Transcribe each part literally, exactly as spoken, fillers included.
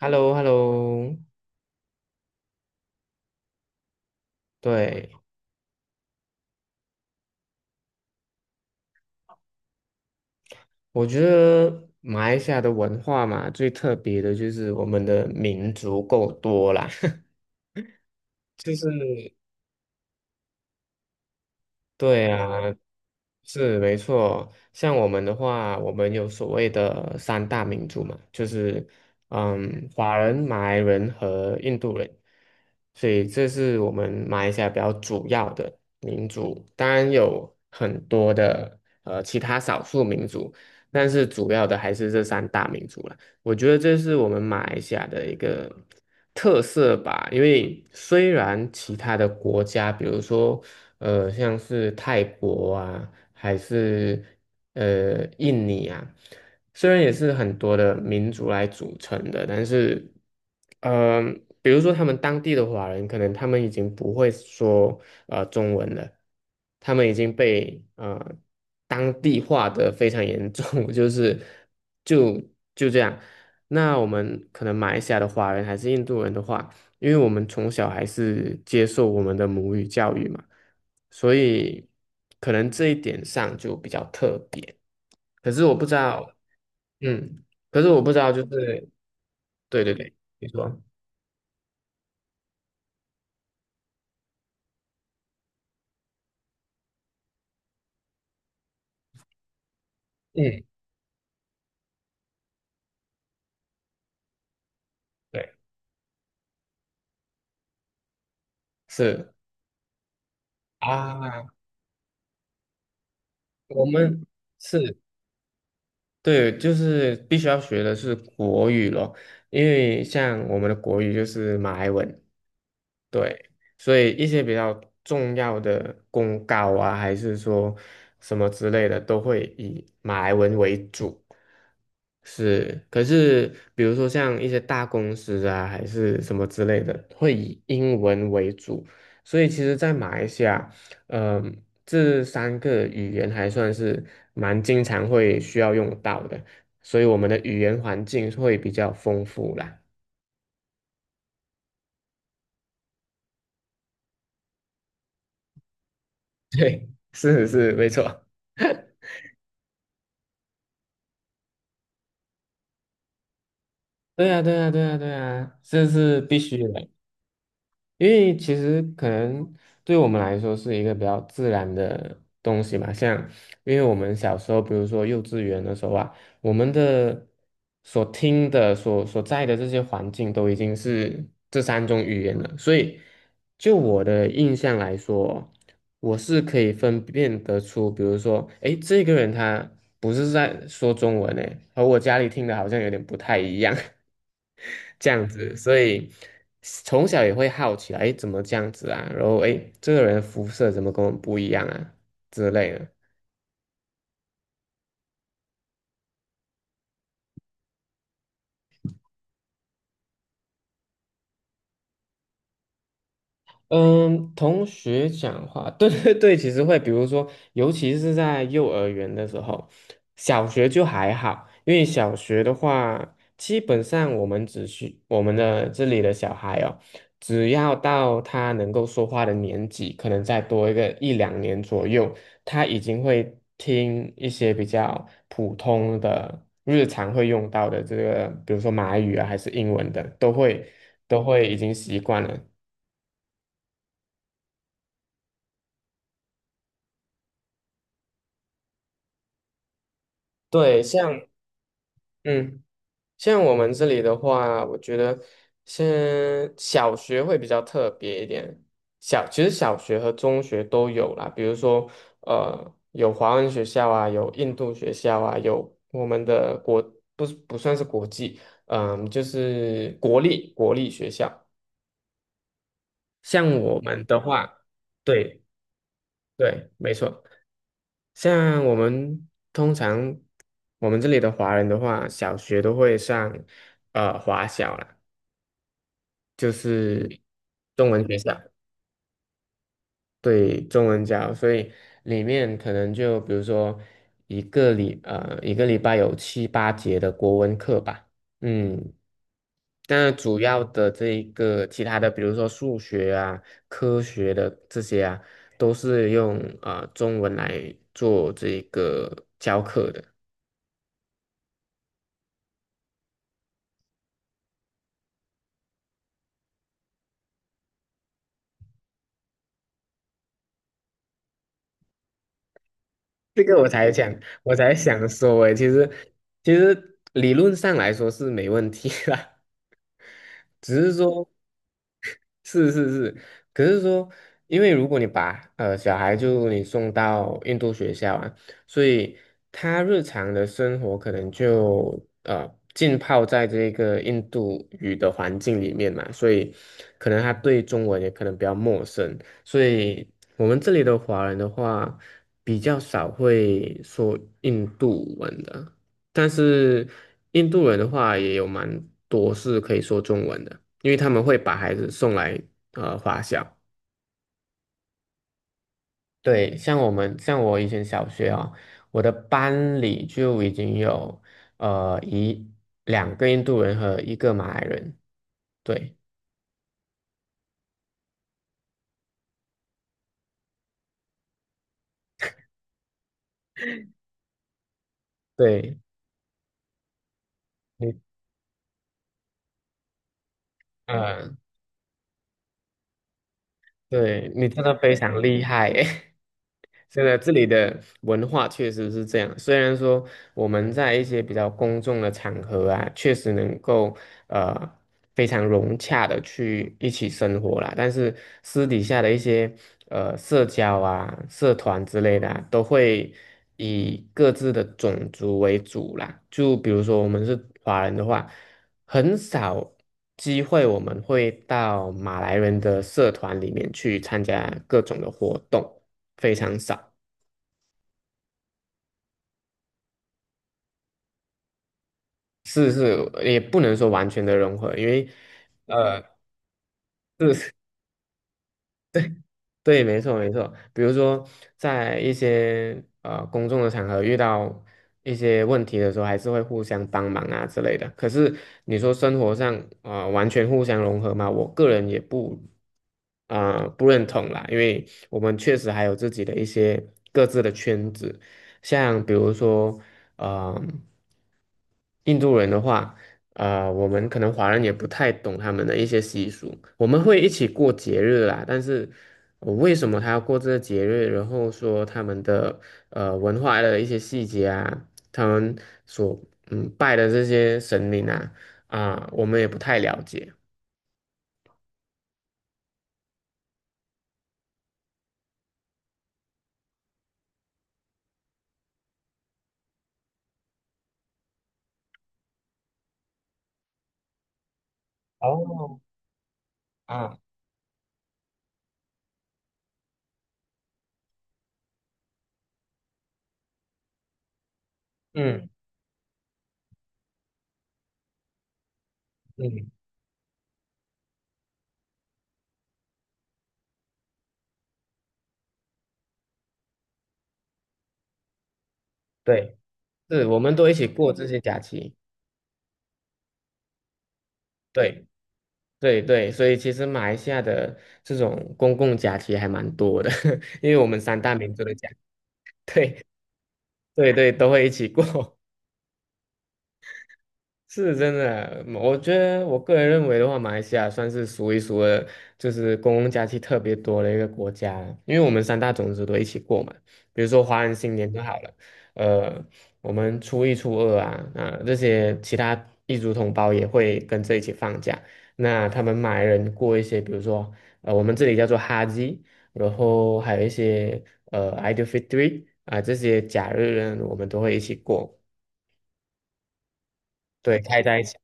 h e l l o h e l l o 对，我觉得马来西亚的文化嘛，最特别的就是我们的民族够多啦，就是对啊，是没错。像我们的话，我们有所谓的三大民族嘛，就是嗯，华人、马来人和印度人，所以这是我们马来西亚比较主要的民族。当然有很多的呃其他少数民族，但是主要的还是这三大民族了。我觉得这是我们马来西亚的一个特色吧，因为虽然其他的国家，比如说。呃，像是泰国啊，还是呃印尼啊，虽然也是很多的民族来组成的，但是，呃，比如说他们当地的华人，可能他们已经不会说呃中文了，他们已经被呃当地化的非常严重，就是就就这样。那我们可能马来西亚的华人还是印度人的话。因为我们从小还是接受我们的母语教育嘛，所以可能这一点上就比较特别。可是我不知道，嗯，可是我不知道，就是对对对，你说，嗯，对，是啊，我们是对，就是必须要学的是国语咯，因为像我们的国语就是马来文，对，所以一些比较重要的公告啊，还是说什么之类的，都会以马来文为主。是，可是比如说像一些大公司啊，还是什么之类的，会以英文为主。所以其实，在马来西亚，嗯、这三个语言还算是蛮经常会需要用到的，所以我们的语言环境会比较丰富啦。是是，没错。对呀，对呀，对呀，对呀，这是必须的，因为其实可能对我们来说是一个比较自然的东西嘛，像因为我们小时候，比如说幼稚园的时候啊，我们的所听的、所所在的这些环境都已经是这三种语言了，所以就我的印象来说，我是可以分辨得出，比如说，诶，这个人他不是在说中文诶，和我家里听的好像有点不太一样。这样子，所以从小也会好奇，哎，怎么这样子啊？然后哎，诶这个人的肤色怎么跟我们不一样啊之类的。嗯，同学讲话，对对对，其实会，比如说，尤其是在幼儿园的时候，小学就还好，因为小学的话，基本上我们只需我们的这里的小孩哦，只要到他能够说话的年纪，可能再多一个一两年左右，他已经会听一些比较普通的日常会用到的这个，比如说马来语啊，还是英文的，都会都会已经习惯了。对，像嗯，像我们这里的话，我觉得先小学会比较特别一点。小，其实小学和中学都有啦，比如说，呃，有华文学校啊，有印度学校啊，有我们的国，不是不算是国际，嗯、就是国立国立学校。像我们的话，对对，没错。像我们通常我们这里的华人的话，小学都会上呃华小啦。就是中文学校，对，中文教，所以里面可能就比如说一个礼呃一个礼拜有七八节的国文课吧，嗯，但主要的这一个其他的，比如说数学啊、科学的这些啊，都是用呃中文来做这个教课的。这个我才想，我才想说诶，其实其实理论上来说是没问题啦。只是说。是是是，可是说，因为如果你把呃小孩就你送到印度学校啊，所以他日常的生活可能就呃浸泡在这个印度语的环境里面嘛，所以可能他对中文也可能比较陌生，所以我们这里的华人的话，比较少会说印度文的。但是印度人的话也有蛮多是可以说中文的，因为他们会把孩子送来呃华小。对，像我们像我以前小学啊，我的班里就已经有呃一两个印度人和一个马来人。对对，你呃，对，你真的非常厉害耶！真的，这里的文化确实是这样。虽然说我们在一些比较公众的场合啊，确实能够呃非常融洽的去一起生活啦，但是私底下的一些呃社交啊、社团之类的啊都会以各自的种族为主啦。就比如说我们是华人的话，很少机会我们会到马来人的社团里面去参加各种的活动，非常少。是是，也不能说完全的融合，因为。呃。对，没错没错。比如说，在一些呃公众的场合遇到一些问题的时候，还是会互相帮忙啊之类的。可是你说生活上呃完全互相融合嘛，我个人也不啊呃不认同啦，因为我们确实还有自己的一些各自的圈子，像比如说呃印度人的话。啊、我们可能华人也不太懂他们的一些习俗，我们会一起过节日啦，但是我为什么他要过这个节日，然后说他们的呃文化的一些细节啊，他们所嗯拜的这些神灵啊啊、我们也不太了解。哦，啊，嗯嗯，对，是我们都一起过这些假期，对对对，所以其实马来西亚的这种公共假期还蛮多的，因为我们三大民族的假，对，对对，都会一起过，是真的。我觉得我个人认为的话，马来西亚算是数一数二，就是公共假期特别多的一个国家了因为我们三大种族都一起过嘛。比如说华人新年就好了，呃，我们初一、初二啊，啊、这些其他异族同胞也会跟着一起放假。那他们马来人过一些，比如说呃，我们这里叫做哈吉，然后还有一些呃 Idul Fitri 啊、这些假日呢，我们都会一起过。对，开在一起，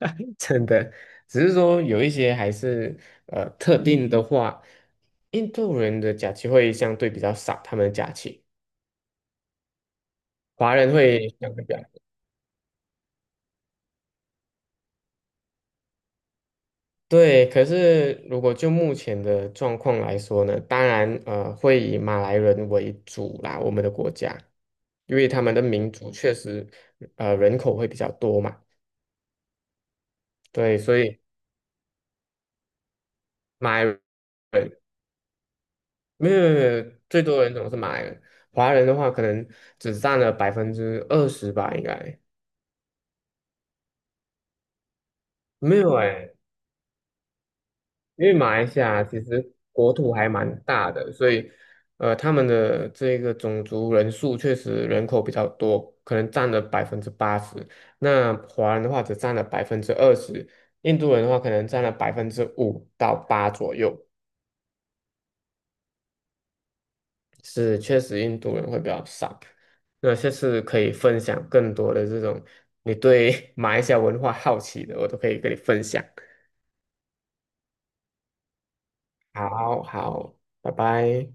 真的，只是说有一些还是呃特定的话，印度人的假期会相对比较少，他们的假期，华人会相对比较对。可是如果就目前的状况来说呢，当然呃会以马来人为主啦，我们的国家，因为他们的民族确实呃人口会比较多嘛，对，所以马来人。没有没有，没有，最多人总是马来人，华人的话可能只占了百分之二十吧，应该没有哎、因为马来西亚其实国土还蛮大的，所以呃，他们的这个种族人数确实人口比较多，可能占了百分之八十。那华人的话只占了百分之二十，印度人的话可能占了百分之五到八左右。是确实印度人会比较少。那下次可以分享更多的这种你对 马来西亚文化好奇的，我都可以跟你分享。好好，拜拜。